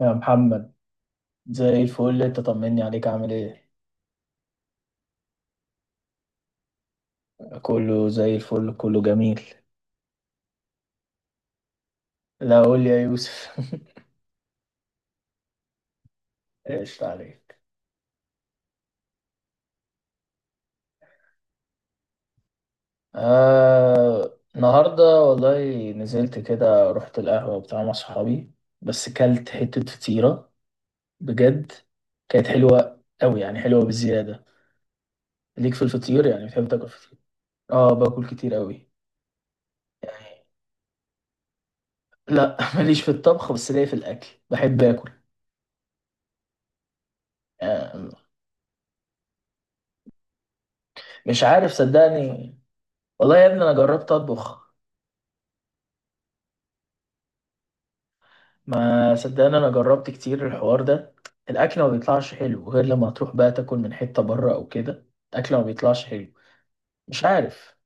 يا محمد. زي الفل، انت طمني عليك، عامل ايه؟ كله زي الفل، كله جميل. لا، قول لي يا يوسف. ايش عليك. آه، النهارده والله نزلت كده، رحت القهوة بتاع مع صحابي. بس كلت حتة فطيرة. بجد. كانت حلوة قوي، يعني حلوة بزيادة. ليك في الفطير؟ يعني بتحب تاكل فطير؟ اه، باكل كتير قوي. يعني. لا، ماليش في الطبخ، بس ليا في الاكل، بحب اكل. آه، مش عارف صدقني. والله يا ابني، انا جربت اطبخ. ما صدقني، انا جربت كتير الحوار ده. الاكل ما بيطلعش حلو غير لما تروح بقى تاكل من حتة بره او كده. الاكل ما بيطلعش حلو. مش عارف.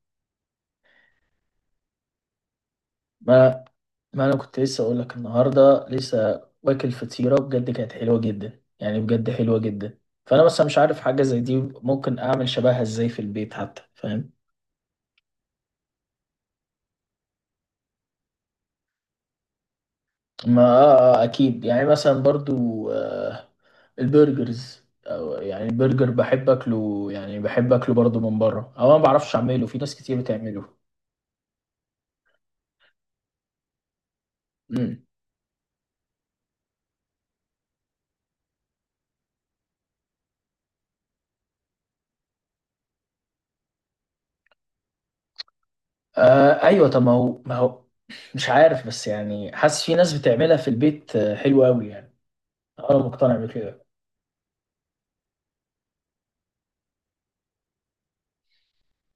ما ما انا كنت لسه اقول لك النهارده، لسه واكل فطيرة، بجد كانت حلوة جدا، يعني بجد حلوة جدا. فانا بس مش عارف حاجة زي دي، ممكن اعمل شبهها ازاي في البيت حتى، فاهم؟ ما اكيد، يعني مثلا برضو البرجرز، او يعني البرجر بحب اكله، يعني بحب اكله برضو من بره، او انا ما بعرفش اعمله، في ناس كتير بتعمله. امم. آه، ايوه، طب ما هو مش عارف، بس يعني حاسس في ناس بتعملها في البيت، حلوة قوي يعني. انا مقتنع بكده.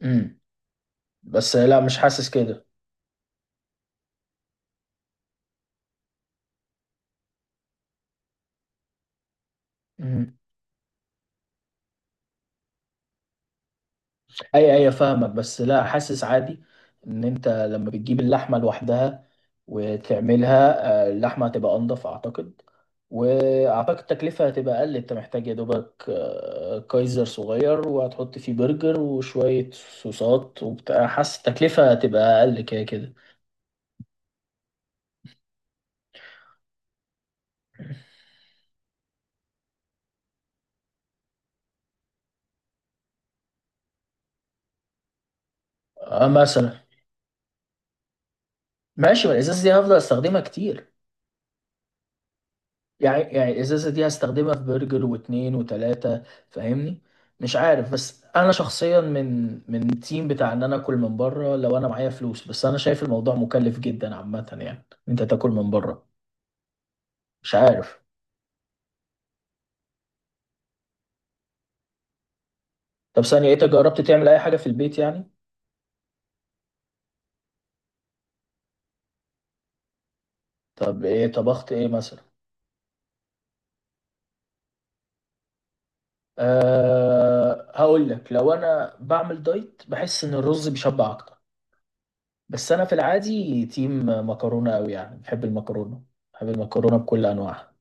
امم. بس لا، مش حاسس كده. مم. اي، اي، فاهمك، بس لا، حاسس عادي ان انت لما بتجيب اللحمه لوحدها وتعملها، اللحمه هتبقى انضف اعتقد. واعتقد التكلفه هتبقى اقل، انت محتاج يا دوبك كايزر صغير وهتحط فيه برجر وشويه صوصات وبتاع، حاسس التكلفه هتبقى اقل كده كده. آه، مثلا. ماشي، ما الازاز دي هفضل استخدمها كتير. يعني الازازه دي هستخدمها في برجر واتنين وتلاته، فاهمني؟ مش عارف، بس انا شخصيا من التيم بتاع ان انا اكل من بره لو انا معايا فلوس، بس انا شايف الموضوع مكلف جدا عامه، يعني انت تاكل من بره. مش عارف. طب ثانيه إيه، انت جربت تعمل اي حاجه في البيت يعني؟ طب ايه طبخت ايه مثلا؟ أه، هقول لك، لو انا بعمل دايت بحس ان الرز بيشبع اكتر، بس انا في العادي تيم مكرونه قوي، يعني بحب المكرونه. بحب المكرونه بكل انواعها.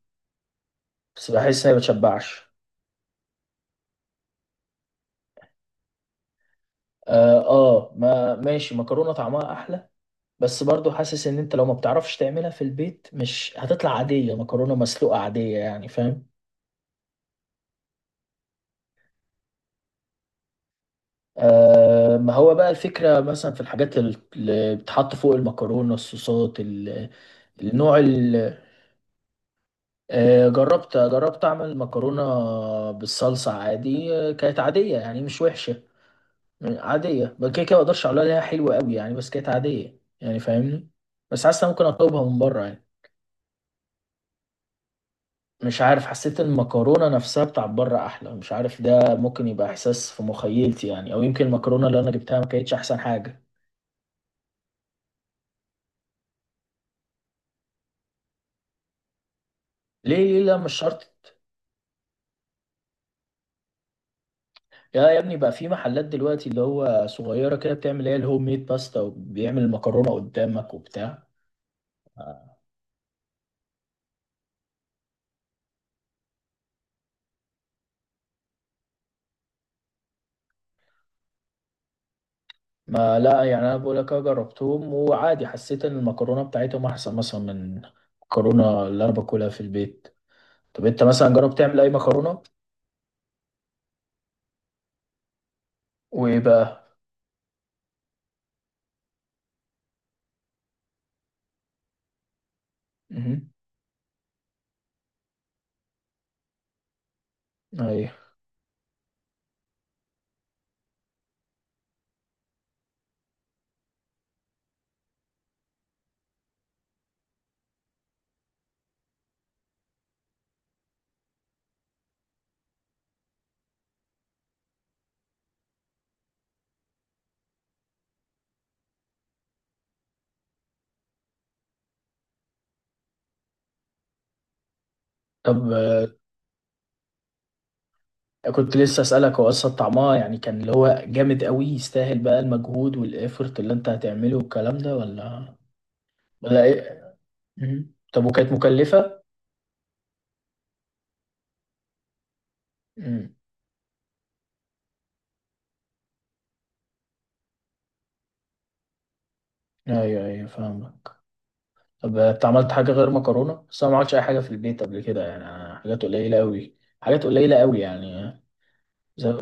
بس بحس اني ما بتشبعش. اه، ما ماشي، مكرونه طعمها احلى. بس برضو حاسس ان انت لو ما بتعرفش تعملها في البيت مش هتطلع عاديه، مكرونه مسلوقه عاديه يعني، فاهم؟ آه، ما هو بقى الفكره مثلا في الحاجات اللي بتحط فوق المكرونه، الصوصات النوع جربت اعمل مكرونه بالصلصه عادي، كانت عاديه يعني، مش وحشه. يعني عادية بقى كده كده، ما اقدرش اقول عليها حلوة قوي يعني، بس كانت عادية يعني، فاهمني؟ بس حاسس إن أنا ممكن اطلبها من بره يعني. مش عارف، حسيت المكرونة نفسها بتاع بره احلى، مش عارف، ده ممكن يبقى احساس في مخيلتي يعني، او يمكن المكرونة اللي انا جبتها ما كانتش احسن حاجة. ليه لا، مش شرط. يا ابني بقى في محلات دلوقتي اللي هو صغيرة كده بتعمل ايه الهوم ميد باستا وبيعمل المكرونة قدامك وبتاع. ما لا، يعني انا بقول لك أه جربتهم وعادي، حسيت ان المكرونه بتاعتهم احسن مثلا من المكرونه اللي انا باكلها في البيت. طب انت مثلا جربت تعمل اي مكرونه؟ وايه بقى؟ امم. ايوه. طب كنت لسه اسالك هو اصلا طعمها يعني كان اللي هو جامد قوي، يستاهل بقى المجهود والافورت اللي انت هتعمله والكلام ده، ولا ولا ايه؟ مم. طب وكانت مكلفه؟ امم. ايوه، ايوه، فاهمك. طب انت عملت حاجة غير مكرونة؟ بس انا ما عملتش اي حاجة في البيت قبل كده يعني، أنا حاجات قليلة قوي. حاجات قليلة قوي يعني. زي.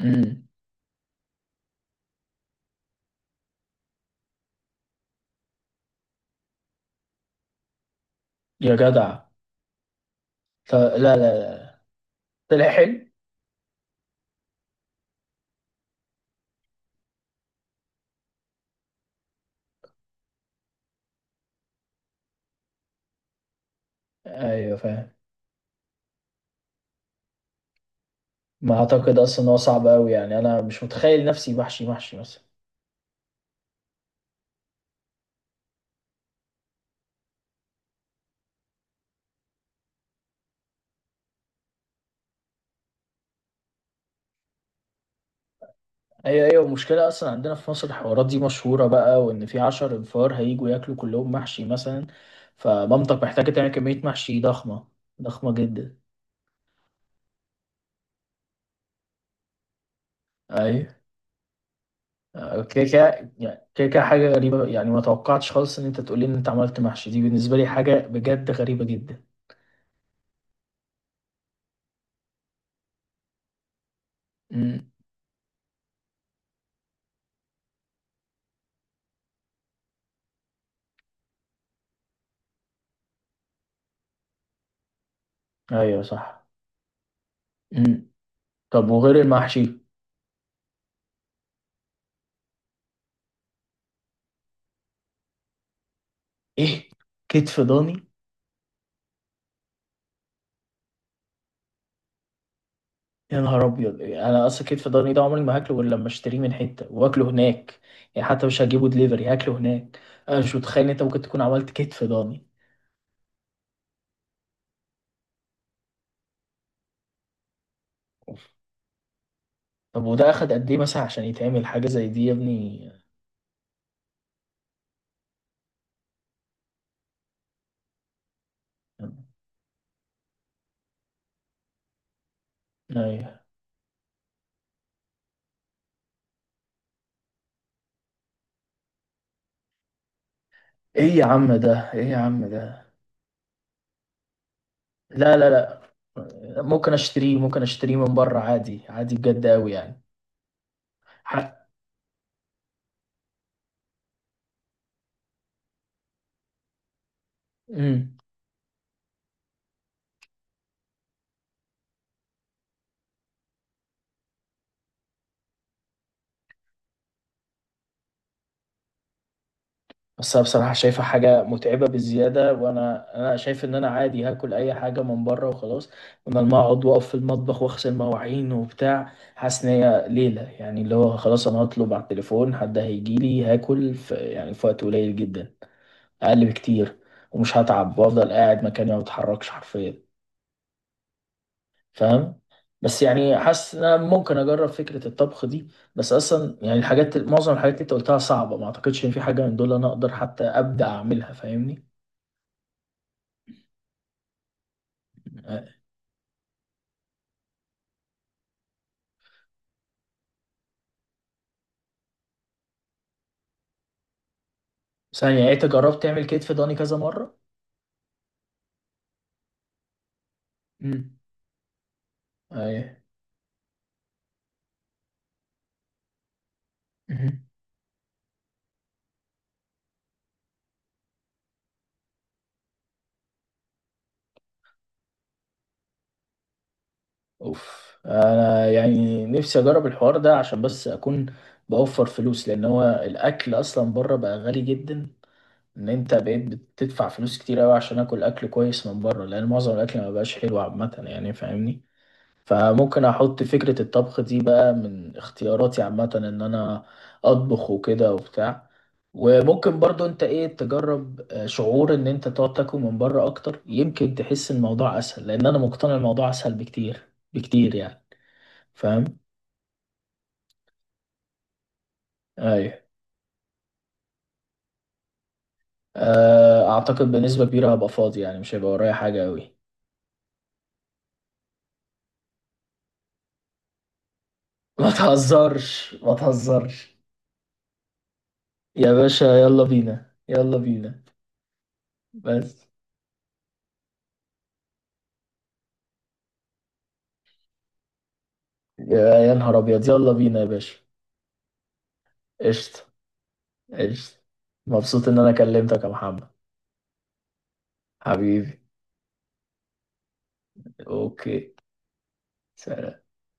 امم. يا جدع. لا، لا، لا. طلع حلو. ايوه، فاهم. ما اعتقد اصلا ان هو صعب قوي يعني، انا مش متخيل نفسي محشي محشي مثلا. ايوه، ايوه، المشكلة اصلا عندنا في مصر الحوارات دي مشهورة بقى، وان في 10 انفار هيجوا ياكلوا كلهم محشي مثلا، فمامتك محتاجة تعمل كمية محشي ضخمة. ضخمة جدا. ايوه. كده كده يعني، كده كده حاجة غريبة يعني، ما توقعتش خالص إن أنت تقول لي إن أنت عملت محشي، دي بالنسبة لي حاجة بجد غريبة جدا. امم. أيوه صح. امم. طب وغير المحشي؟ إيه؟ كتف ضاني؟ يا نهار أبيض، أنا أصلا كتف ضاني ده عمري ما هاكله غير لما أشتريه من حتة وآكله هناك، يعني حتى مش هجيبه دليفري، هاكله هناك. أنا مش متخيل إن أنت ممكن تكون عملت كتف ضاني. طب وده أخد قد إيه مثلا عشان يتعمل حاجة زي دي يا ابني؟ أيوه. إيه يا عم ده، إيه يا عم ده. لا، لا، لا. ممكن اشتريه، ممكن اشتريه من بره عادي، عادي بجد قوي يعني. ح... امم. بس انا بصراحه شايفها حاجه متعبه بزياده، وانا شايف ان انا عادي هاكل اي حاجه من بره وخلاص، بدل ما اقعد واقف في المطبخ واغسل مواعين وبتاع، حاسس ان هي ليله يعني، اللي هو خلاص انا هطلب على التليفون، حد هيجي لي هاكل في يعني في وقت قليل جدا، اقل بكتير، ومش هتعب، وافضل قاعد مكاني ما بتحركش حرفيا، فاهم؟ بس يعني حاسس ان انا ممكن اجرب فكره الطبخ دي. بس اصلا يعني معظم الحاجات اللي انت قلتها صعبه، ما اعتقدش ان في حاجه من دول انا اقدر حتى ابدا اعملها، فاهمني؟ آه، ثانيه يعني انت جربت تعمل كتف ضاني كذا مره؟ امم. ايوه. مهم. اوف، انا يعني نفسي اجرب الحوار ده عشان بس اكون بوفر فلوس، لان هو الاكل اصلا بره بقى غالي جدا، ان انت بقيت بتدفع فلوس كتير قوي عشان اكل اكل كويس من بره، لان معظم الاكل ما بقاش حلو عامه يعني، فاهمني؟ فممكن احط فكرة الطبخ دي بقى من اختياراتي عامة، ان انا اطبخ وكده وبتاع. وممكن برضو انت ايه تجرب شعور ان انت تقعد تاكل من بره اكتر، يمكن تحس الموضوع اسهل، لان انا مقتنع الموضوع اسهل بكتير بكتير يعني، فاهم؟ ايوه. آه، اعتقد بنسبة كبيرة هبقى فاضي يعني، مش هيبقى ورايا حاجة قوي. ما تهزرش، ما تهزرش. يا باشا يلا بينا، يلا بينا. بس. يا نهار ابيض، يلا بينا يا باشا. قشطة. قشطة. مبسوط إن أنا كلمتك يا محمد. حبيبي. أوكي. سلام.